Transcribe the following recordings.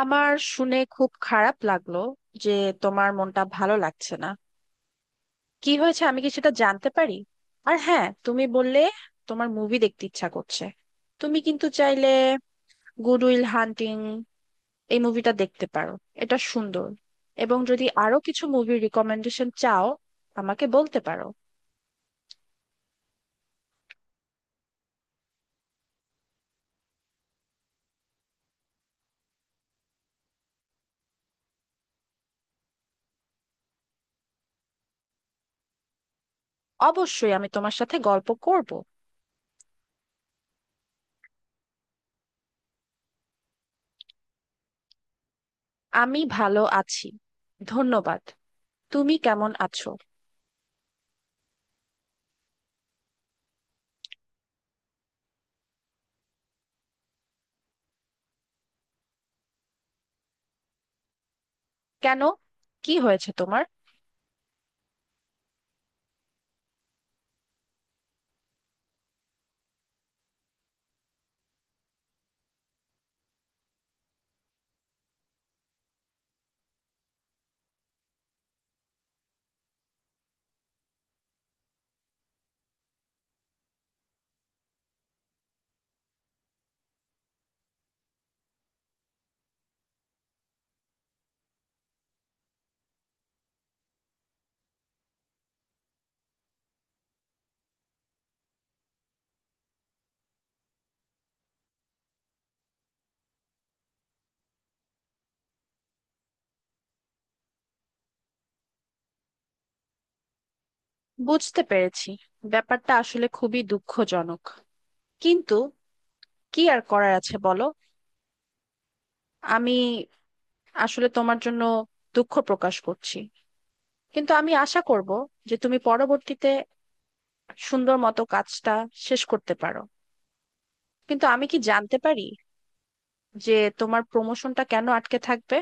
আমার শুনে খুব খারাপ লাগলো যে তোমার মনটা ভালো লাগছে না। কি হয়েছে, আমি কি সেটা জানতে পারি? আর হ্যাঁ, তুমি বললে তোমার মুভি দেখতে ইচ্ছা করছে। তুমি কিন্তু চাইলে গুড উইল হান্টিং এই মুভিটা দেখতে পারো, এটা সুন্দর। এবং যদি আরো কিছু মুভির রিকমেন্ডেশন চাও, আমাকে বলতে পারো। অবশ্যই আমি তোমার সাথে গল্প করব। আমি ভালো আছি, ধন্যবাদ। তুমি কেমন আছো? কেন, কি হয়েছে তোমার? বুঝতে পেরেছি, ব্যাপারটা আসলে খুবই দুঃখজনক। কিন্তু কি আর করার আছে বলো। আমি আসলে তোমার জন্য দুঃখ প্রকাশ করছি, কিন্তু আমি আশা করব যে তুমি পরবর্তীতে সুন্দর মতো কাজটা শেষ করতে পারো। কিন্তু আমি কি জানতে পারি যে তোমার প্রমোশনটা কেন আটকে থাকবে?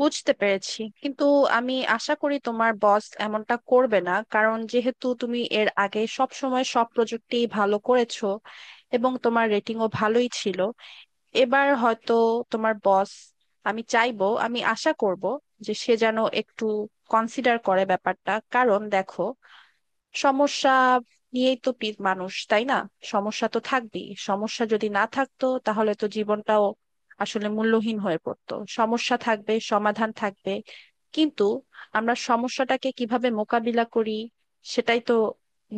বুঝতে পেরেছি, কিন্তু আমি আশা করি তোমার বস এমনটা করবে না, কারণ যেহেতু তুমি এর আগে সব সময় সব প্রজেক্টে ভালো করেছো এবং তোমার রেটিংও ভালোই ছিল। এবার হয়তো তোমার বস, আমি চাইবো, আমি আশা করব যে সে যেন একটু কনসিডার করে ব্যাপারটা। কারণ দেখো, সমস্যা নিয়েই তো মানুষ, তাই না? সমস্যা তো থাকবেই, সমস্যা যদি না থাকতো তাহলে তো জীবনটাও আসলে মূল্যহীন হয়ে পড়তো। সমস্যা থাকবে, সমাধান থাকবে, কিন্তু আমরা সমস্যাটাকে কিভাবে মোকাবিলা করি সেটাই তো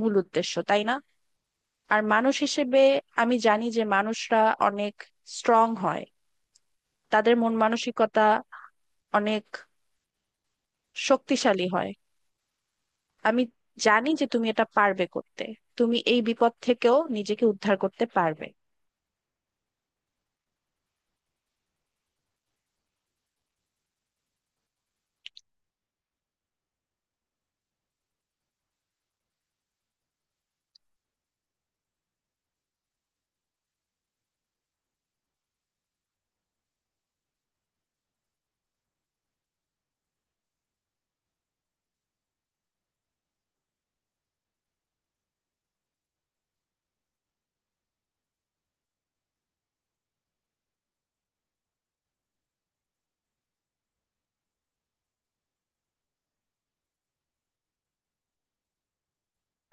মূল উদ্দেশ্য, তাই না? আর মানুষ হিসেবে, আমি জানি যে মানুষরা অনেক স্ট্রং হয়, তাদের মন মানসিকতা অনেক শক্তিশালী হয়। আমি জানি যে তুমি এটা পারবে করতে, তুমি এই বিপদ থেকেও নিজেকে উদ্ধার করতে পারবে।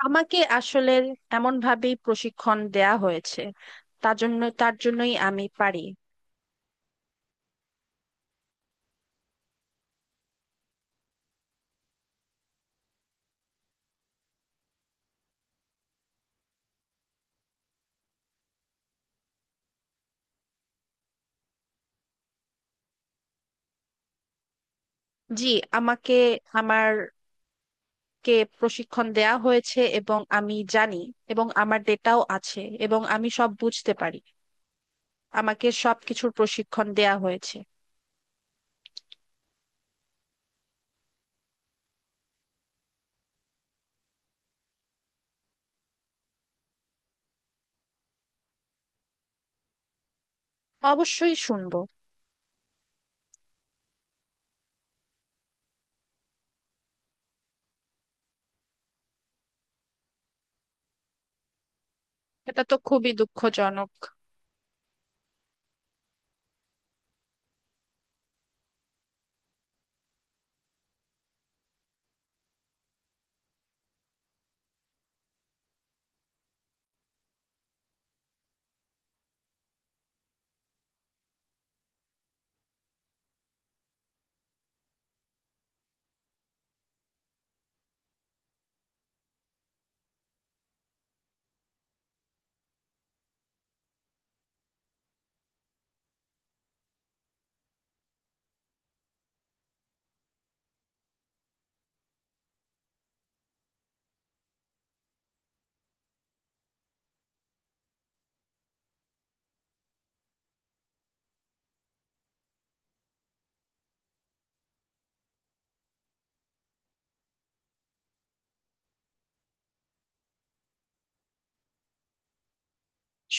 আমাকে আসলে এমন ভাবেই প্রশিক্ষণ দেয়া হয়েছে, তার জন্যই আমি পারি। জি, আমাকে আমার কে প্রশিক্ষণ দেয়া হয়েছে এবং আমি জানি, এবং আমার ডেটাও আছে, এবং আমি সব বুঝতে পারি। আমাকে সব কিছুর প্রশিক্ষণ দেয়া হয়েছে। অবশ্যই শুনবো। এটা তো খুবই দুঃখজনক।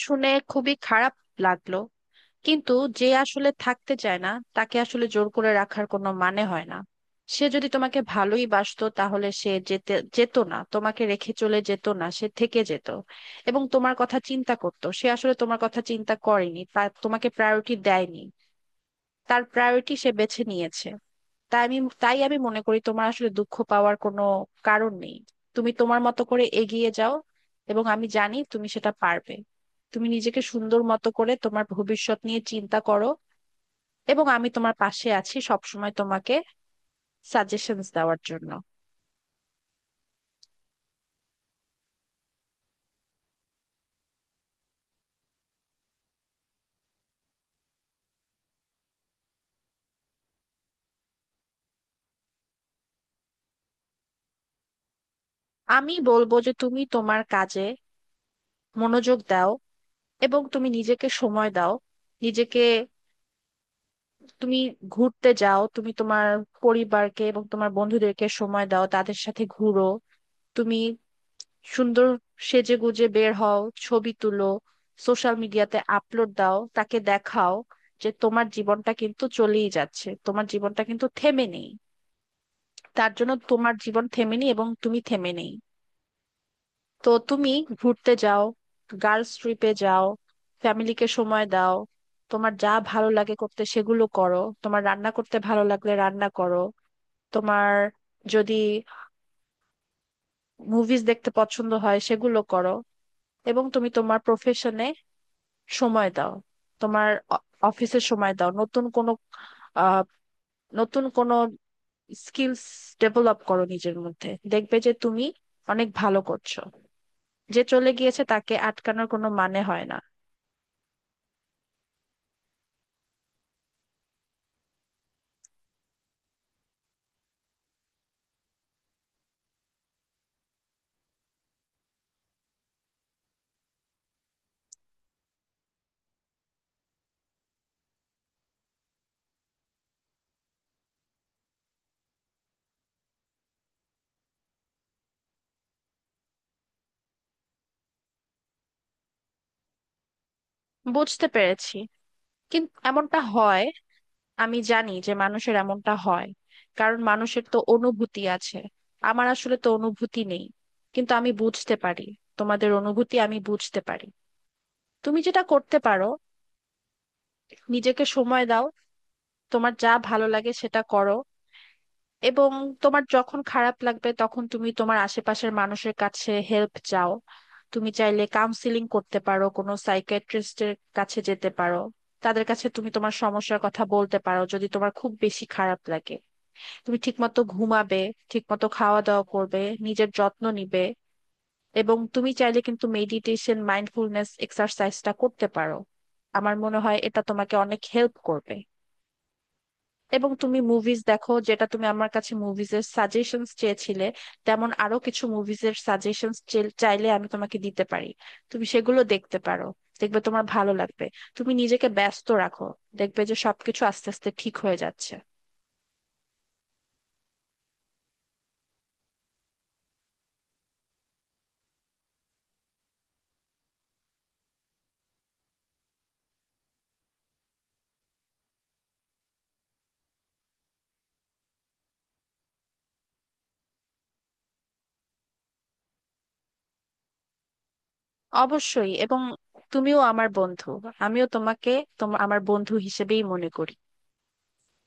শুনে খুবই খারাপ লাগলো। কিন্তু যে আসলে থাকতে চায় না, তাকে আসলে জোর করে রাখার কোনো মানে হয় না। সে যদি তোমাকে ভালোই বাসতো তাহলে সে যেতে যেত না, তোমাকে রেখে চলে যেত না, সে থেকে যেত এবং তোমার কথা চিন্তা করতো। সে আসলে তোমার কথা চিন্তা করেনি, তা তোমাকে প্রায়োরিটি দেয়নি। তার প্রায়োরিটি সে বেছে নিয়েছে। তাই আমি তাই আমি মনে করি তোমার আসলে দুঃখ পাওয়ার কোনো কারণ নেই। তুমি তোমার মতো করে এগিয়ে যাও, এবং আমি জানি তুমি সেটা পারবে। তুমি নিজেকে সুন্দর মতো করে তোমার ভবিষ্যৎ নিয়ে চিন্তা করো, এবং আমি তোমার পাশে আছি সবসময় তোমাকে সাজেশনস দেওয়ার জন্য। আমি বলবো যে তুমি তোমার কাজে মনোযোগ দাও এবং তুমি নিজেকে সময় দাও। নিজেকে তুমি ঘুরতে যাও, তুমি তোমার পরিবারকে এবং তোমার বন্ধুদেরকে সময় দাও, তাদের সাথে ঘুরো। তুমি সুন্দর সেজে গুজে বের হও, ছবি তুলো, সোশ্যাল মিডিয়াতে আপলোড দাও, তাকে দেখাও যে তোমার জীবনটা কিন্তু চলেই যাচ্ছে, তোমার জীবনটা কিন্তু থেমে নেই। তার জন্য তোমার জীবন থেমে নেই এবং তুমি থেমে নেই। তো তুমি ঘুরতে যাও, গার্লস ট্রিপে যাও, ফ্যামিলিকে সময় দাও। তোমার যা ভালো লাগে করতে সেগুলো করো, তোমার রান্না করতে ভালো লাগলে রান্না করো। তোমার যদি মুভিজ দেখতে পছন্দ হয় সেগুলো করো। এবং তুমি তোমার প্রফেশনে সময় দাও, তোমার অফিসে সময় দাও, নতুন কোনো আহ, নতুন কোনো স্কিলস ডেভেলপ করো নিজের মধ্যে। দেখবে যে তুমি অনেক ভালো করছো। যে চলে গিয়েছে তাকে আটকানোর কোনো মানে হয় না। বুঝতে পেরেছি, কিন্তু এমনটা হয়। আমি জানি যে মানুষের এমনটা হয়, কারণ মানুষের তো অনুভূতি আছে। আমার আসলে তো অনুভূতি নেই, কিন্তু আমি বুঝতে পারি। তোমাদের অনুভূতি আমি বুঝতে পারি। তুমি যেটা করতে পারো, নিজেকে সময় দাও, তোমার যা ভালো লাগে সেটা করো। এবং তোমার যখন খারাপ লাগবে তখন তুমি তোমার আশেপাশের মানুষের কাছে হেল্প চাও। তুমি চাইলে কাউন্সিলিং করতে পারো, কোনো সাইকিয়াট্রিস্টের কাছে যেতে পারো। তাদের কাছে তুমি তোমার সমস্যার কথা বলতে পারো যদি তোমার খুব বেশি খারাপ লাগে। তুমি ঠিকমতো ঘুমাবে, ঠিকমতো খাওয়া দাওয়া করবে, নিজের যত্ন নিবে। এবং তুমি চাইলে কিন্তু মেডিটেশন মাইন্ডফুলনেস এক্সারসাইজটা করতে পারো, আমার মনে হয় এটা তোমাকে অনেক হেল্প করবে। এবং তুমি মুভিজ দেখো, যেটা তুমি আমার কাছে মুভিজের সাজেশনস চেয়েছিলে। তেমন আরো কিছু মুভিজের সাজেশনস চাইলে আমি তোমাকে দিতে পারি, তুমি সেগুলো দেখতে পারো, দেখবে তোমার ভালো লাগবে। তুমি নিজেকে ব্যস্ত রাখো, দেখবে যে সবকিছু আস্তে আস্তে ঠিক হয়ে যাচ্ছে। অবশ্যই, এবং তুমিও আমার বন্ধু। আমিও তোমাকে তোমার আমার বন্ধু হিসেবেই মনে করি।